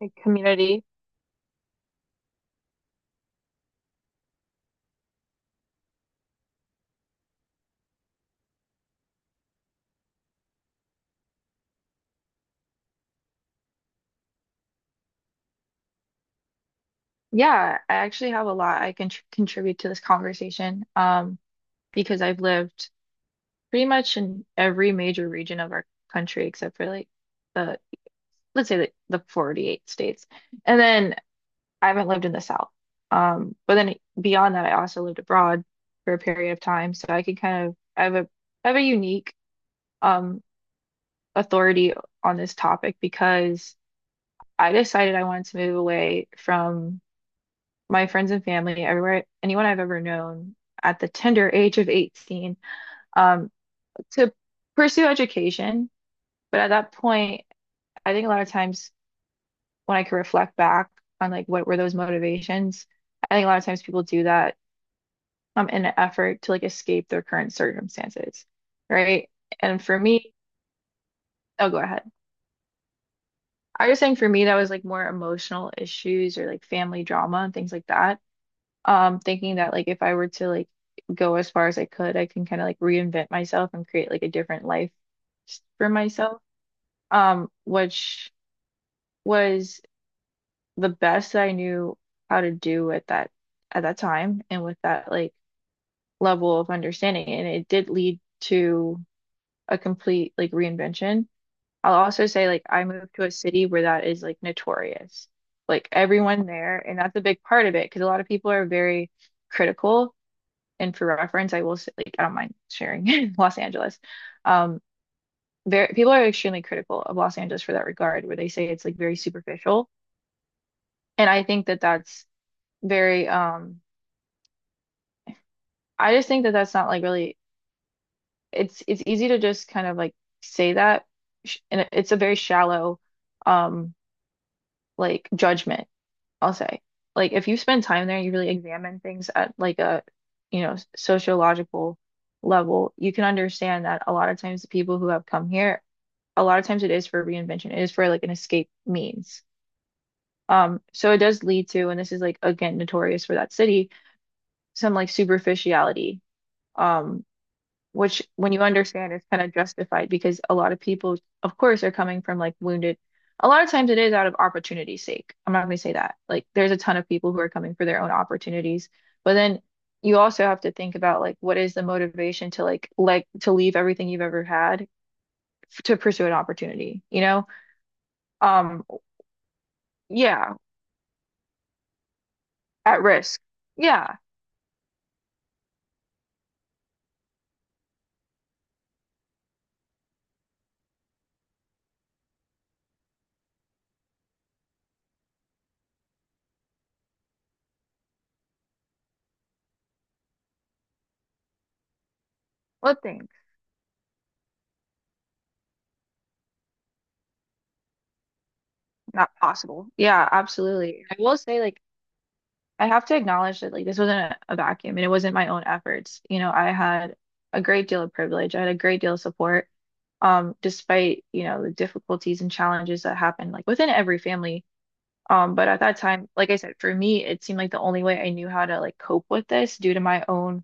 Like community. Yeah, I actually have a lot I can tr contribute to this conversation, because I've lived pretty much in every major region of our country except for like the, let's say the 48 states. And then I haven't lived in the South. But then beyond that, I also lived abroad for a period of time. So I can kind of, I have a unique um, authority on this topic because I decided I wanted to move away from my friends and family, everywhere, anyone I've ever known at the tender age of 18. um, to pursue education. But at that point, I think a lot of times when I could reflect back on like what were those motivations, I think a lot of times people do that in an effort to like escape their current circumstances, right? And for me, oh, go ahead. I was saying for me that was like more emotional issues or like family drama and things like that. Thinking that like if I were to like go as far as I could, I can kind of like reinvent myself and create like a different life for myself. Which was the best that I knew how to do at that time and with that like level of understanding. And it did lead to a complete like reinvention. I'll also say like I moved to a city where that is like notorious. Like everyone there, and that's a big part of it because a lot of people are very critical. And for reference, I will say, like, I don't mind sharing Los Angeles. Um, Very, people are extremely critical of Los Angeles for that regard, where they say it's like very superficial. And I think that that's very, I just think that that's not like really, it's easy to just kind of like say that. And it's a very shallow, um, like judgment, I'll say. Like, if you spend time there, you really examine things at like a, you know, sociological level, you can understand that a lot of times the people who have come here, a lot of times it is for reinvention. It is for like an escape means. So it does lead to, and this is like again notorious for that city, some like superficiality, um, which when you understand is kind of justified because a lot of people, of course, are coming from like wounded. A lot of times it is out of opportunity's sake. I'm not gonna say that. Like there's a ton of people who are coming for their own opportunities, but then you also have to think about like what is the motivation to like to leave everything you've ever had to pursue an opportunity, you know? Um, yeah, at risk. Yeah. What things? Not possible. Yeah, absolutely. I will say, like, I have to acknowledge that, like, this wasn't a vacuum and it wasn't my own efforts. You know, I had a great deal of privilege. I had a great deal of support, despite, you know, the difficulties and challenges that happen, like, within every family. But at that time, like I said, for me, it seemed like the only way I knew how to, like, cope with this due to my own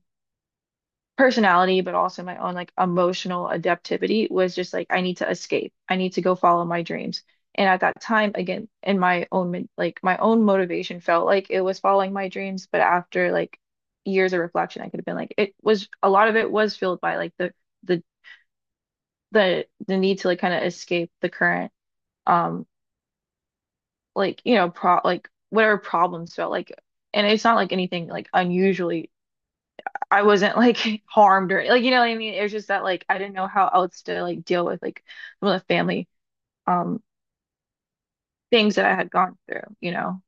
personality, but also my own like emotional adaptivity was just like I need to escape. I need to go follow my dreams. And at that time, again, in my own min- like my own motivation felt like it was following my dreams, but after like years of reflection, I could have been like it was a lot of it was filled by like the the need to like kind of escape the current um like you know pro like whatever problems felt like. And it's not like anything like unusually, I wasn't like harmed or like you know what I mean. It was just that like I didn't know how else to like deal with like some of the family um things that I had gone through, you know.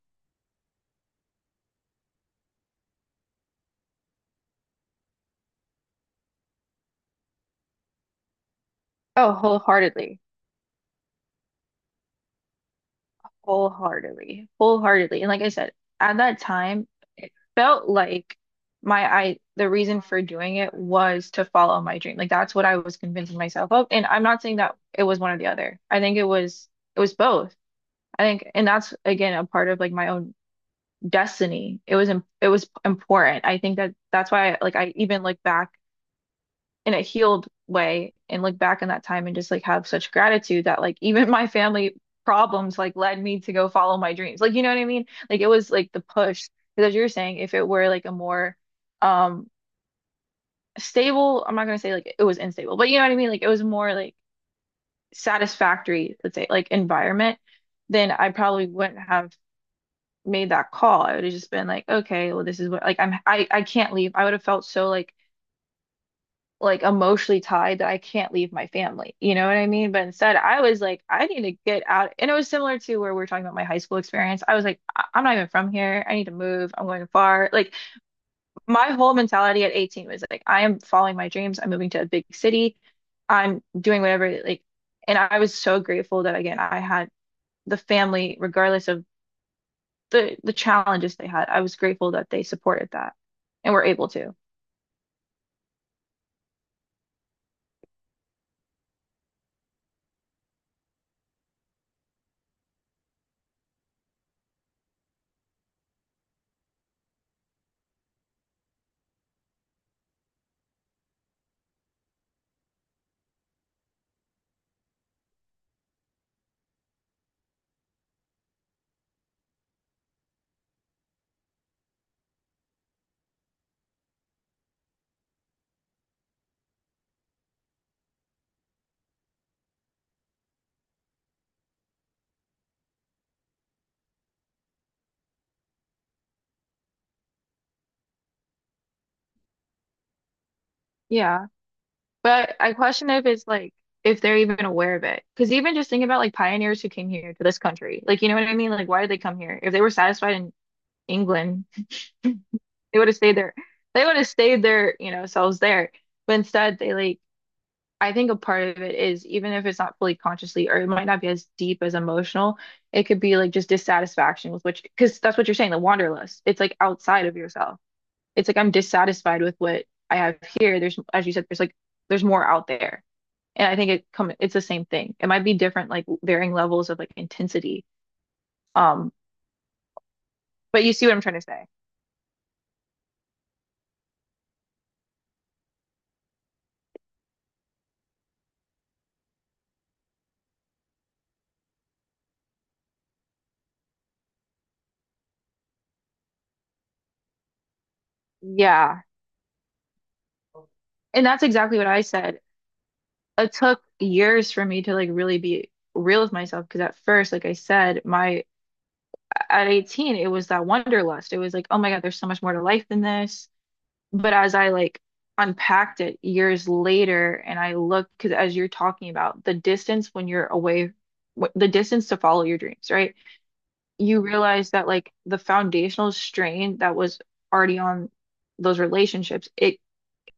Oh, wholeheartedly. And like I said, at that time, it felt like my I the reason for doing it was to follow my dream. Like that's what I was convincing myself of. And I'm not saying that it was one or the other. I think it was both. I think, and that's again a part of like my own destiny. It was important. I think that that's why like I even look back in a healed way and look back in that time and just like have such gratitude that like even my family problems like led me to go follow my dreams. Like you know what I mean? Like it was like the push because as you were saying if it were like a more um stable, I'm not gonna say like it was unstable, but you know what I mean? Like it was more like satisfactory, let's say like environment, then I probably wouldn't have made that call, I would have just been like, okay, well, this is what like I can't leave. I would have felt so like emotionally tied that I can't leave my family. You know what I mean? But instead, I was like, I need to get out. And it was similar to where we are talking about my high school experience. I was like, I'm not even from here. I need to move. I'm going far. Like my whole mentality at 18 was like, I am following my dreams. I'm moving to a big city. I'm doing whatever like and I was so grateful that again I had the family, regardless of the challenges they had. I was grateful that they supported that and were able to. Yeah, but I question if it's like if they're even aware of it. Because even just think about like pioneers who came here to this country. Like, you know what I mean? Like, why did they come here? If they were satisfied in England, they would have stayed there. They would have stayed their, you know, selves there. But instead, they like, I think a part of it is even if it's not fully consciously or it might not be as deep as emotional, it could be like just dissatisfaction with which, because that's what you're saying, the wanderlust. It's like outside of yourself. It's like I'm dissatisfied with what I have here. There's, as you said, there's like there's more out there, and I think it's the same thing. It might be different, like varying levels of like intensity. Um, but you see what I'm trying to say? Yeah, and that's exactly what I said. It took years for me to like really be real with myself because at first, like I said, my at 18, it was that wanderlust. It was like, oh my God, there's so much more to life than this. But as I like unpacked it years later and I looked, because as you're talking about the distance when you're away, the distance to follow your dreams, right? You realize that like the foundational strain that was already on those relationships,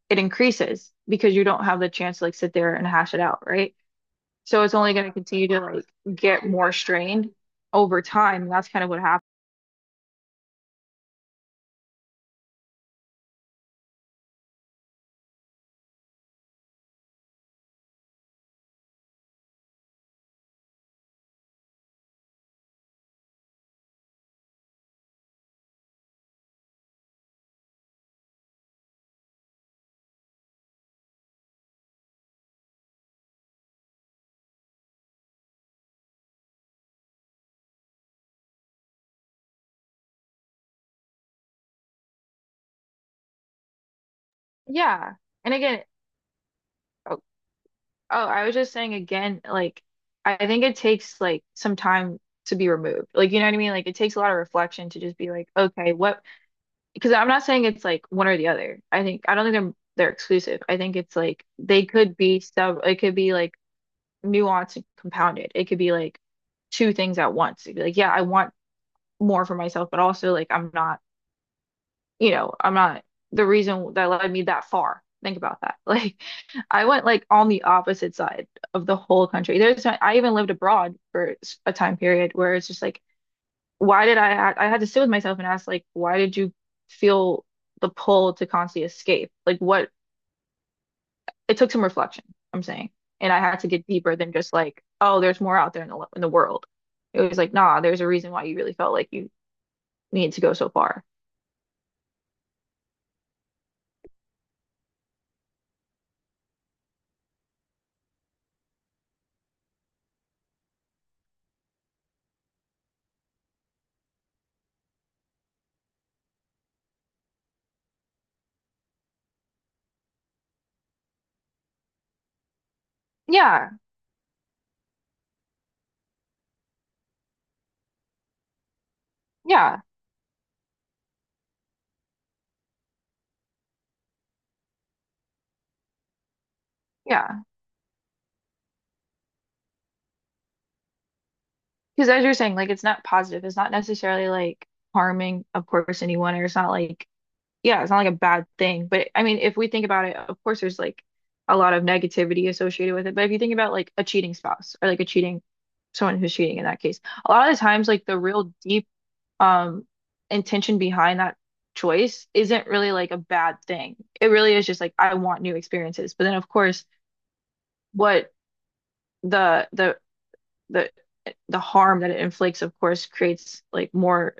it increases because you don't have the chance to like sit there and hash it out, right? So it's only going to continue to like get more strained over time. And that's kind of what happened. Yeah. And again, oh, oh, I was just saying again, like I think it takes like some time to be removed. Like you know what I mean? Like it takes a lot of reflection to just be like, okay, what? Because I'm not saying it's like one or the other. I don't think they're exclusive. I think it's like they could be sub. It could be like nuanced and compounded. It could be like two things at once. It'd be like, yeah, I want more for myself, but also like I'm not you know, I'm not the reason that led me that far. Think about that. Like, I went like on the opposite side of the whole country. There's, I even lived abroad for a time period where it's just like, I had to sit with myself and ask, like, why did you feel the pull to constantly escape? Like, what, it took some reflection, I'm saying. And I had to get deeper than just like, oh, there's more out there in the world. It was like, nah, there's a reason why you really felt like you needed to go so far. Yeah. Yeah. Yeah. Because as you're saying, like it's not positive. It's not necessarily like harming, of course, anyone, or it's not like, yeah, it's not like a bad thing. But I mean, if we think about it, of course, there's like a lot of negativity associated with it. But if you think about like a cheating spouse or like a cheating someone who's cheating in that case, a lot of the times, like the real deep um intention behind that choice isn't really like a bad thing. It really is just like I want new experiences. But then, of course, what the the the the harm that it inflicts, of course, creates like more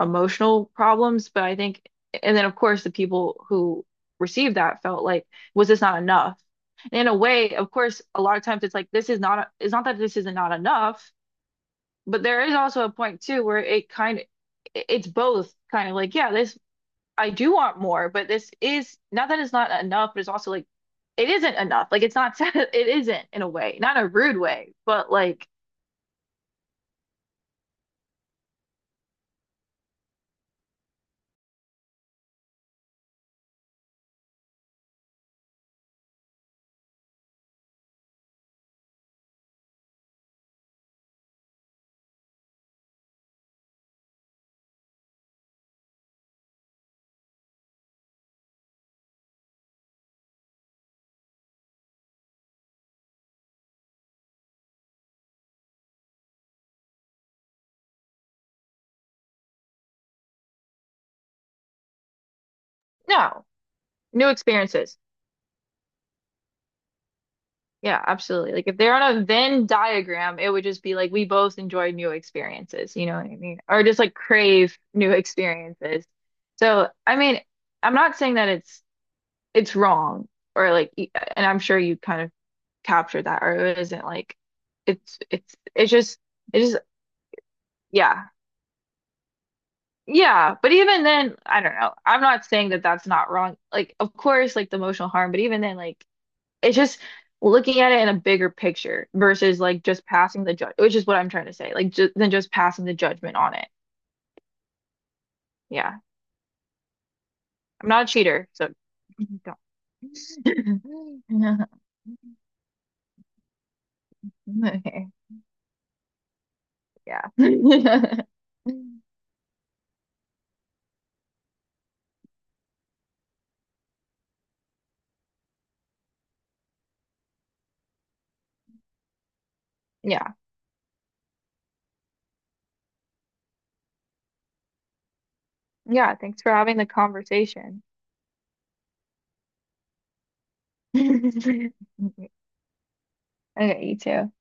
emotional problems. But I think, and then of course, the people who received that felt like, was this not enough? And in a way, of course, a lot of times it's like this is not. It's not that this is not enough, but there is also a point too where it kind of, it's both kind of like, yeah, this I do want more, but this is not that it's not enough, but it's also like it isn't enough. Like it's not. It isn't in a way, not in a rude way, but like no, new experiences. Yeah, absolutely. Like if they're on a Venn diagram, it would just be like we both enjoy new experiences, you know what I mean? Or just like crave new experiences. So, I mean, I'm not saying that it's wrong or like and I'm sure you kind of captured that or it isn't like it's just it's just yeah. Yeah, but even then, I don't know. I'm not saying that that's not wrong. Like of course like the emotional harm, but even then like it's just looking at it in a bigger picture versus like just passing the judge, which is what I'm trying to say. Like just than just passing the judgment on it. Yeah. I'm not a cheater, so don't. Okay. Yeah. Yeah. Yeah. Thanks for having the conversation. Okay, you too.